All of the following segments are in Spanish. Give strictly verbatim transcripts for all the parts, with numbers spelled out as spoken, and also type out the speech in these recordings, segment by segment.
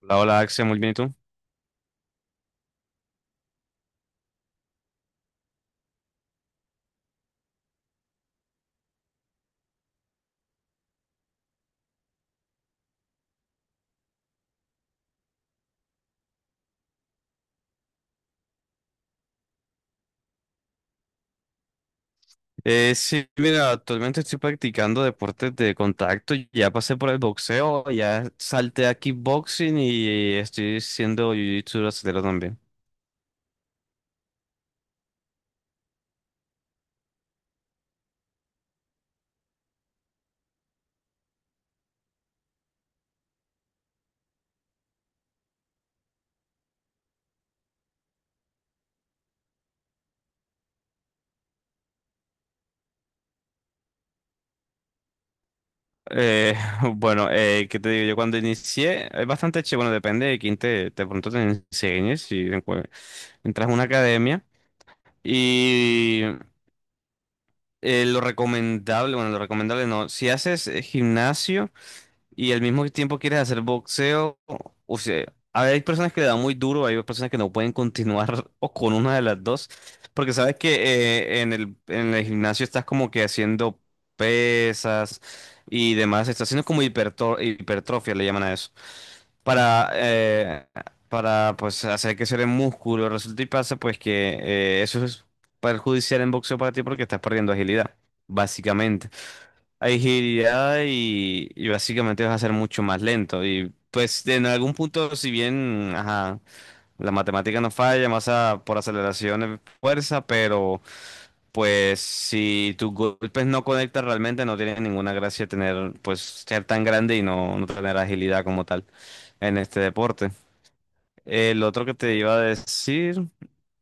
Hola, hola Axel, muy bien, ¿y tú? Eh, sí, mira, actualmente estoy practicando deportes de contacto, ya pasé por el boxeo, ya salté a kickboxing y estoy siendo jiu-jitsu brasileño también. Eh, bueno, eh, ¿qué te digo? Yo cuando inicié, es bastante chévere, bueno, depende de quién te, de pronto te enseñes, si encu- entras a una academia y eh, lo recomendable, bueno, lo recomendable no, si haces eh, gimnasio y al mismo tiempo quieres hacer boxeo, o sea, a ver, hay personas que le dan muy duro, hay personas que no pueden continuar o con una de las dos, porque sabes que eh, en el, en el gimnasio estás como que haciendo pesas y demás, estás haciendo como hiperto- hipertrofia, le llaman a eso, para, eh, para pues hacer crecer el músculo, resulta y pasa pues que eh, eso es perjudicial en boxeo para ti porque estás perdiendo agilidad, básicamente. Hay agilidad y, y básicamente vas a ser mucho más lento. Y pues en algún punto, si bien ajá, la matemática no falla, masa por aceleración es fuerza, pero pues si tus golpes no conectan realmente, no tiene ninguna gracia tener, pues ser tan grande y no, no tener agilidad como tal en este deporte. El otro que te iba a decir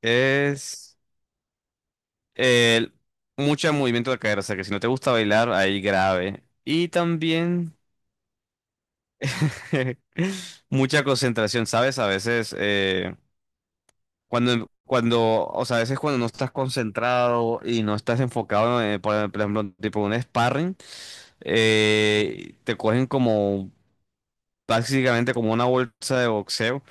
es el mucho movimiento de cadera, o sea que si no te gusta bailar, ahí grave. Y también mucha concentración, ¿sabes? A veces, eh, cuando, cuando, o sea, a veces cuando no estás concentrado y no estás enfocado, eh, por, por ejemplo, tipo un sparring, eh, te cogen como, básicamente como una bolsa de boxeo.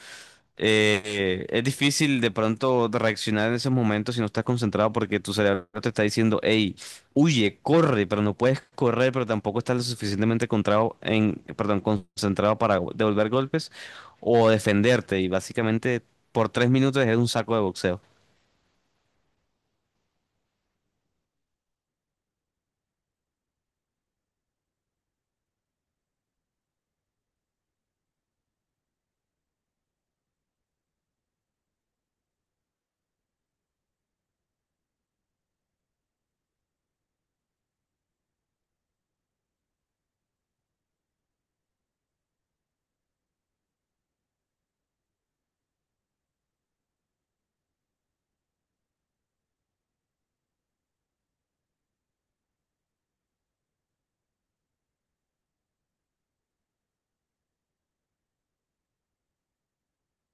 eh, Es difícil de pronto de reaccionar en esos momentos si no estás concentrado porque tu cerebro te está diciendo, hey, huye, corre, pero no puedes correr, pero tampoco estás lo suficientemente contrado en, perdón, concentrado para go- devolver golpes o defenderte. Y básicamente por tres minutos es un saco de boxeo.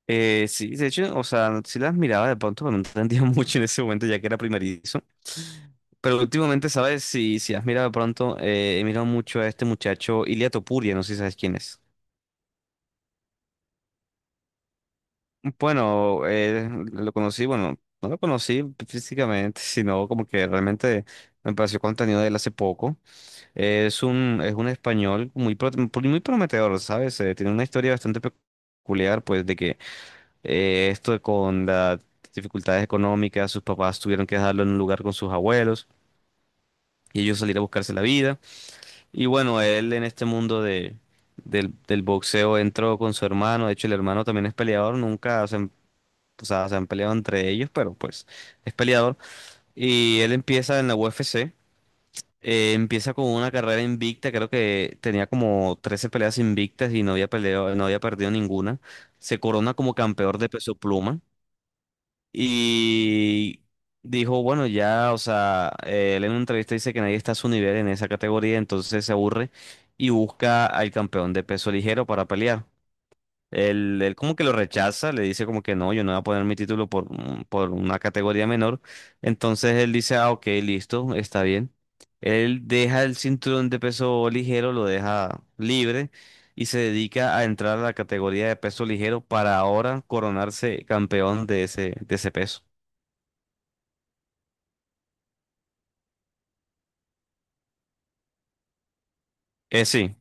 Eh, sí, de hecho, o sea, sí las miraba de pronto, pero no entendía mucho en ese momento ya que era primerizo. Pero últimamente, ¿sabes? Si, si has mirado de pronto, eh, he mirado mucho a este muchacho, Ilia Topuria, no sé si sabes quién es. Bueno, eh, lo conocí, bueno, no lo conocí físicamente, sino como que realmente me pareció contenido de él hace poco. Es un, es un español muy, pro- muy prometedor, ¿sabes? Eh, tiene una historia bastante peculiar, pues, de que eh, esto con las dificultades económicas, sus papás tuvieron que dejarlo en un lugar con sus abuelos y ellos salir a buscarse la vida. Y bueno, él en este mundo de Del, del boxeo entró con su hermano, de hecho el hermano también es peleador, nunca, se o sea, se han peleado entre ellos, pero pues es peleador. Y él empieza en la U F C, eh, empieza con una carrera invicta, creo que tenía como trece peleas invictas y no había peleado, no había perdido ninguna. Se corona como campeón de peso pluma y dijo, bueno, ya, o sea, eh, él en una entrevista dice que nadie está a su nivel en esa categoría, entonces se aburre y busca al campeón de peso ligero para pelear. Él, él como que lo rechaza, le dice como que no, yo no voy a poner mi título por, un- por una categoría menor. Entonces él dice, ah, ok, listo, está bien. Él deja el cinturón de peso ligero, lo deja libre y se dedica a entrar a la categoría de peso ligero para ahora coronarse campeón de ese, de ese peso. Eh, sí,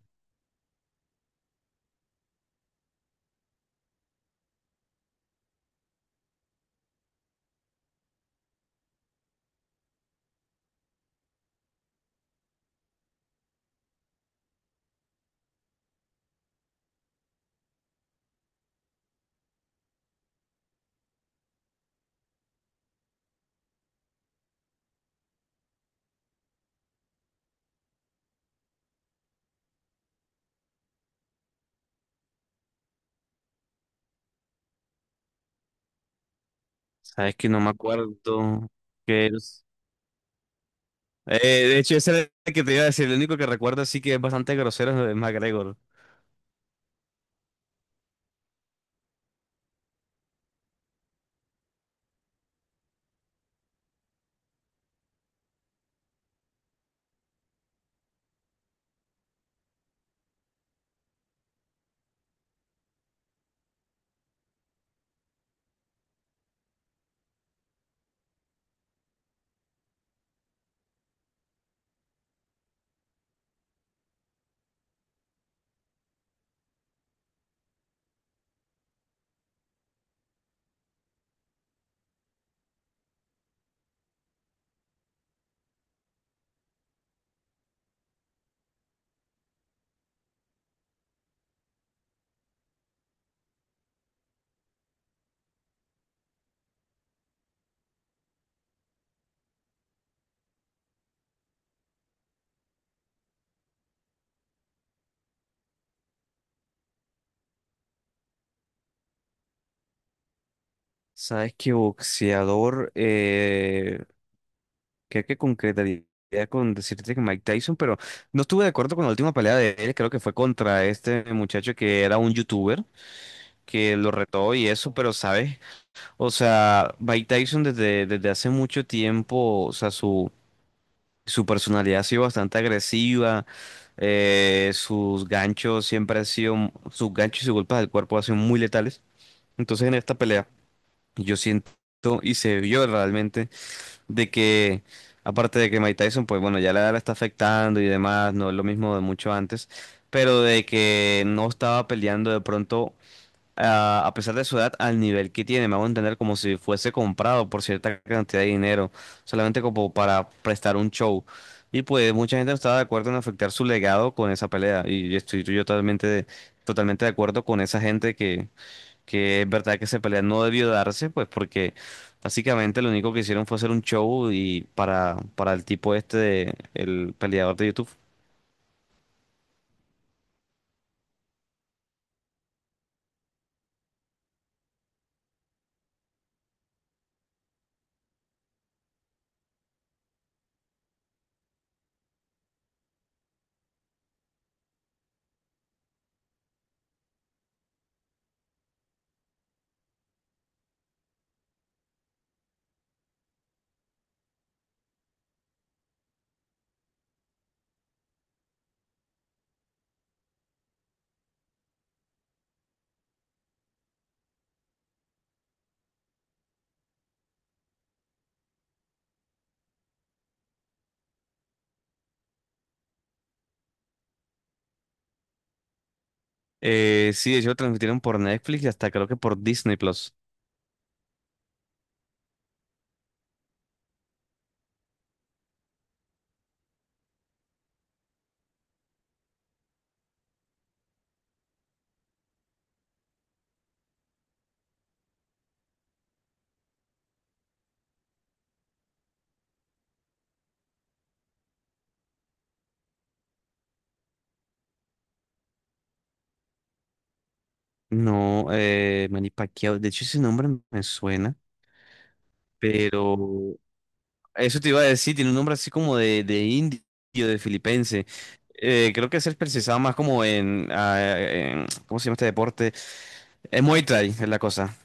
sabes que no me acuerdo que es. Eh, de hecho, ese era el que te iba a decir, el único que recuerdo así que es bastante grosero es McGregor. Sabes que boxeador, eh, creo que concretaría con decirte que Mike Tyson, pero no estuve de acuerdo con la última pelea de él, creo que fue contra este muchacho que era un youtuber, que lo retó y eso, pero sabes, o sea, Mike Tyson desde, desde hace mucho tiempo, o sea, su, su personalidad ha sido bastante agresiva, eh, sus ganchos siempre han sido, sus ganchos y sus golpes del cuerpo han sido muy letales, entonces en esta pelea yo siento y se vio realmente de que, aparte de que Mike Tyson, pues bueno, ya la edad la está afectando y demás, no es lo mismo de mucho antes, pero de que no estaba peleando de pronto, ah, a pesar de su edad, al nivel que tiene, me hago entender como si fuese comprado por cierta cantidad de dinero, solamente como para prestar un show. Y pues mucha gente no estaba de acuerdo en afectar su legado con esa pelea, y estoy yo totalmente, totalmente de acuerdo con esa gente que que es verdad que esa pelea no debió darse, pues porque básicamente lo único que hicieron fue hacer un show y para, para el tipo este, de- el peleador de YouTube. Eh, sí, de hecho lo transmitieron por Netflix y hasta creo que por Disney Plus. No, eh, Manny Pacquiao, de hecho ese nombre me suena, pero eso te iba a decir, tiene un nombre así como de, de indio, de filipense. Eh, creo que es el precisaba más como en, ah, en ¿cómo se llama este deporte? Es Muay Thai, es la cosa.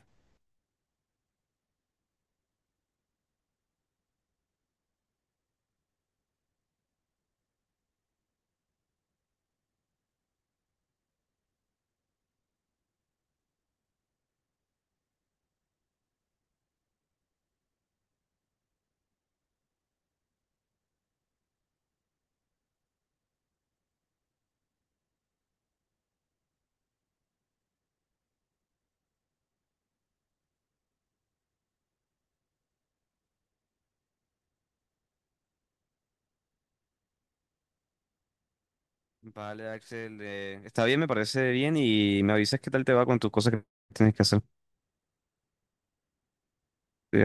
Vale, Axel, eh, está bien, me parece bien y me avisas qué tal te va con tus cosas que tienes que hacer.